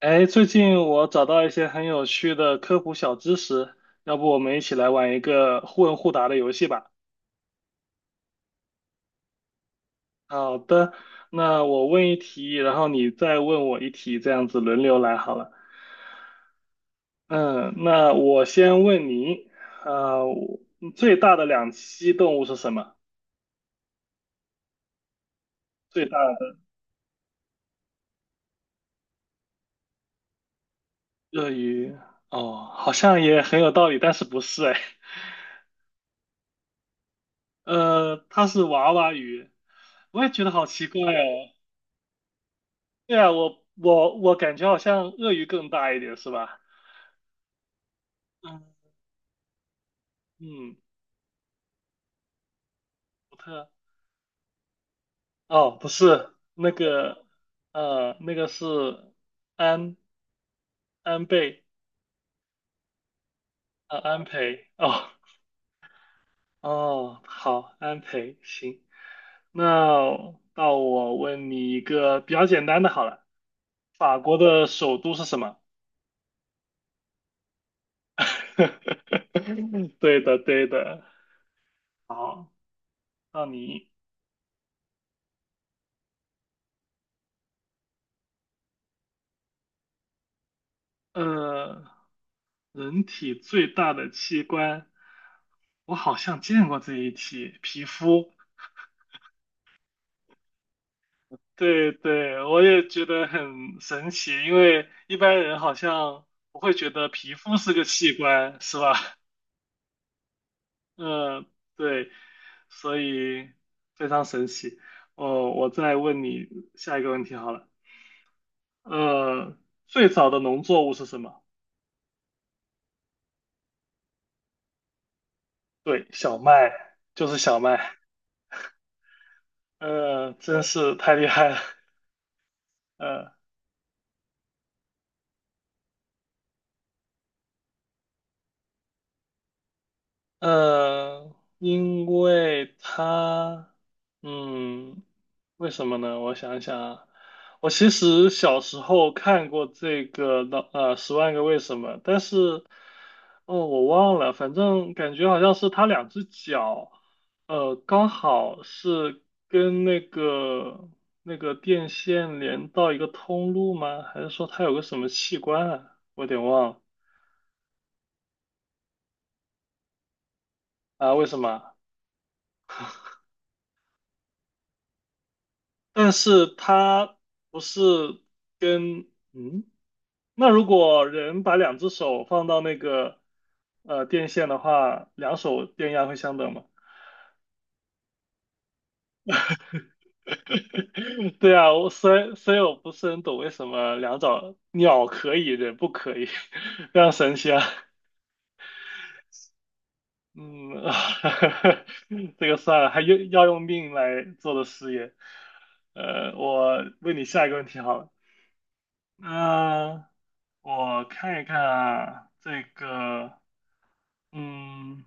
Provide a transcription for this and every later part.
哎，最近我找到一些很有趣的科普小知识，要不我们一起来玩一个互问互答的游戏吧？好的，那我问一题，然后你再问我一题，这样子轮流来好了。嗯，那我先问你，呃，我最大的两栖动物是什么？最大的鳄鱼，哦，好像也很有道理，但是不是哎，它是娃娃鱼，我也觉得好奇怪哦。对啊，我感觉好像鳄鱼更大一点，是吧？嗯，嗯，福特，哦，不是那个，那个是安安倍，安培，哦哦，好，安培，行，那到我问你一个比较简单的好了，法国的首都是什么？对的，对的，好，那你，呃，人体最大的器官，我好像见过这一题，皮肤。对对，我也觉得很神奇，因为一般人好像不会觉得皮肤是个器官，是吧？嗯，对，所以非常神奇。哦，我再问你下一个问题好了。呃，最早的农作物是什么？对，小麦，就是小麦。呃，真是太厉害了。呃。呃，因为他，嗯，为什么呢？我想想啊，我其实小时候看过这个的，呃，《十万个为什么》，但是，哦，我忘了，反正感觉好像是他两只脚，呃，刚好是跟那个电线连到一个通路吗？还是说他有个什么器官啊？我有点忘了。啊，为什么啊？但是它不是跟嗯，那如果人把两只手放到那个呃电线的话，两手电压会相等吗？对啊，我虽然不是很懂为什么两爪鸟可以，人不可以，非常神奇啊。嗯，这个算了，还用要用命来做的事业。我问你下一个问题好了。啊、我看一看啊，这个，嗯，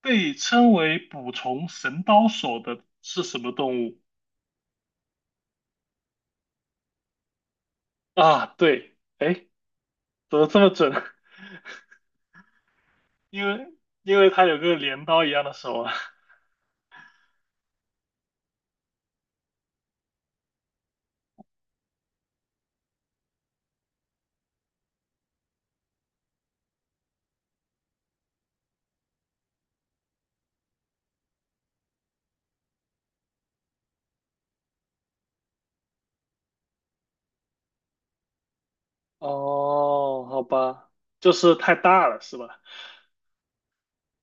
被称为捕虫神刀手的是什么动物啊？对，哎，怎么这么准？因为因为它有个镰刀一样的手啊。哦，好吧，就是太大了，是吧？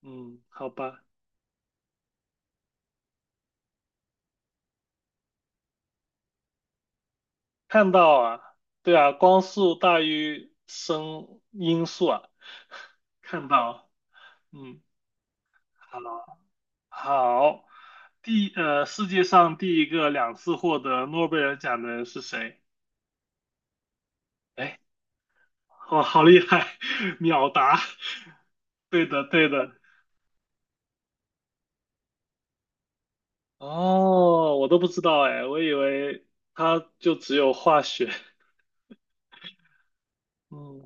嗯，好吧，看到啊，对啊，光速大于声音速啊，看到，嗯，好。好，世界上第一个两次获得诺贝尔奖的人是谁？哎，哇，好厉害，秒答。对的，对的。哦，我都不知道哎，我以为他就只有化学。嗯，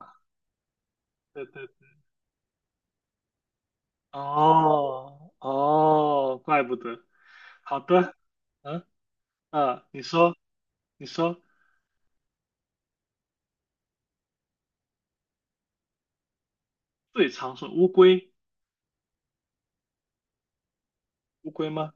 对对。哦哦，怪不得。好的，嗯你说你说，最常说乌龟，乌龟吗？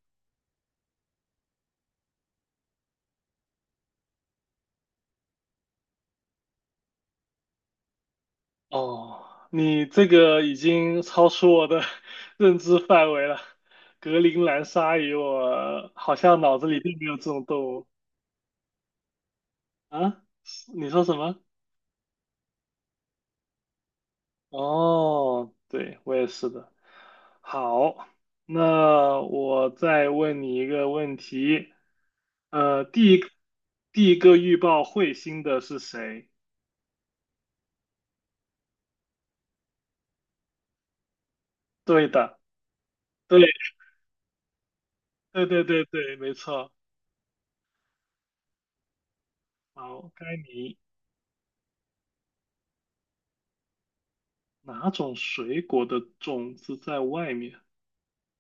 哦，你这个已经超出我的 认知范围了。格陵兰鲨鱼，我好像脑子里并没有这种动物。啊，你说什么？哦，对，我也是的。好，那我再问你一个问题。呃，第一第一个预报彗星的是谁？对的，对，对对对对，没错。好，该你。哪种水果的种子在外面？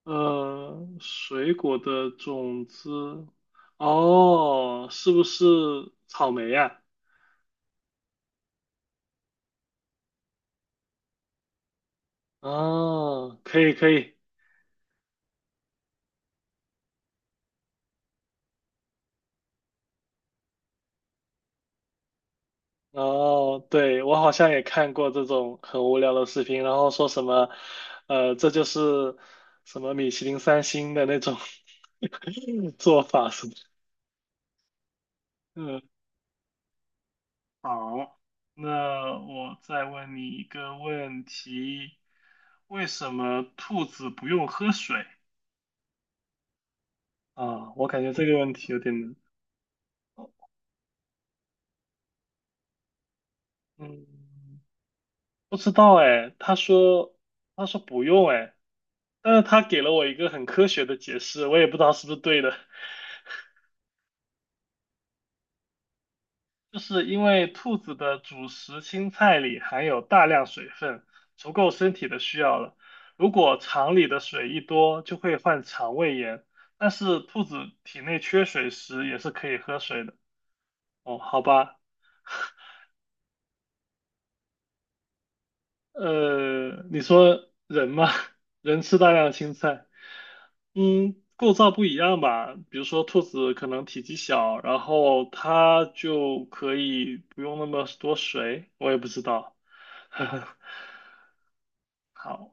呃，水果的种子，哦，是不是草莓呀、啊哦，可以可以。哦，对，我好像也看过这种很无聊的视频，然后说什么，这就是什么米其林三星的那种 做法什么的。嗯，好，那我再问你一个问题：为什么兔子不用喝水？啊，我感觉这个问题有点难。嗯，不知道哎，他说不用哎，但是他给了我一个很科学的解释，我也不知道是不是对的。就是因为兔子的主食青菜里含有大量水分，足够身体的需要了。如果肠里的水一多，就会患肠胃炎。但是兔子体内缺水时也是可以喝水的。哦，好吧，你说人嘛，人吃大量青菜，嗯，构造不一样吧？比如说兔子可能体积小，然后它就可以不用那么多水，我也不知道。好。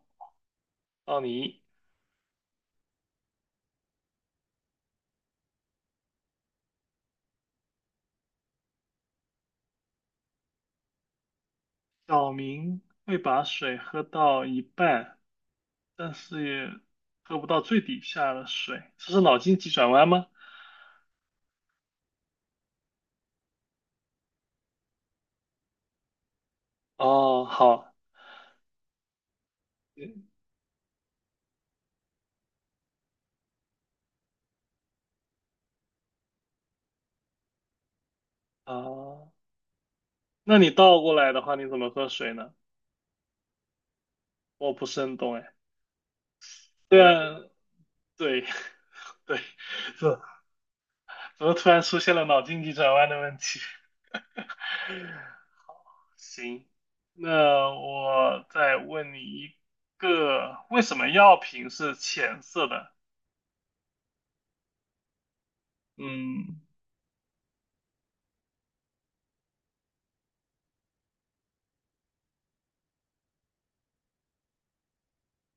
奥尼，小明会把水喝到一半，但是也喝不到最底下的水，这是脑筋急转弯吗？哦，好，嗯，哦，那你倒过来的话，你怎么喝水呢？我不是很懂哎。对啊，对 对，怎么怎么突然出现了脑筋急转弯的问题？行，那我再问你一个，为什么药品是浅色的？嗯。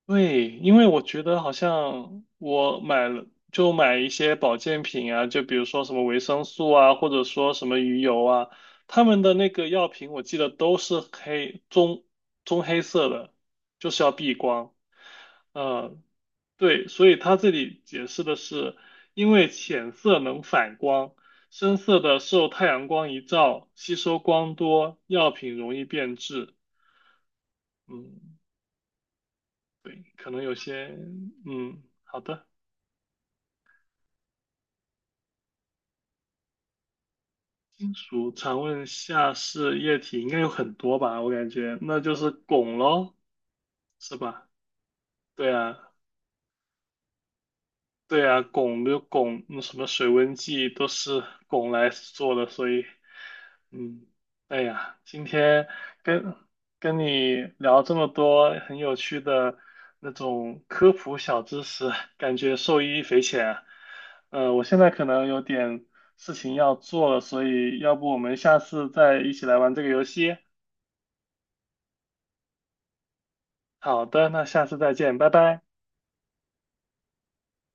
对，因为我觉得好像我买了就买一些保健品啊，就比如说什么维生素啊，或者说什么鱼油啊，他们的那个药品我记得都是棕黑色的，就是要避光。嗯，对，所以他这里解释的是，因为浅色能反光，深色的受太阳光一照，吸收光多，药品容易变质。嗯，对，可能有些，嗯，好的。金属常温下是液体，应该有很多吧？我感觉那就是汞喽，是吧？对啊，对啊，汞就汞，那什么水温计都是汞来做的，所以嗯，哎呀，今天跟跟你聊这么多很有趣的那种科普小知识，感觉受益匪浅啊。我现在可能有点事情要做了，所以要不我们下次再一起来玩这个游戏？好的，那下次再见，拜拜。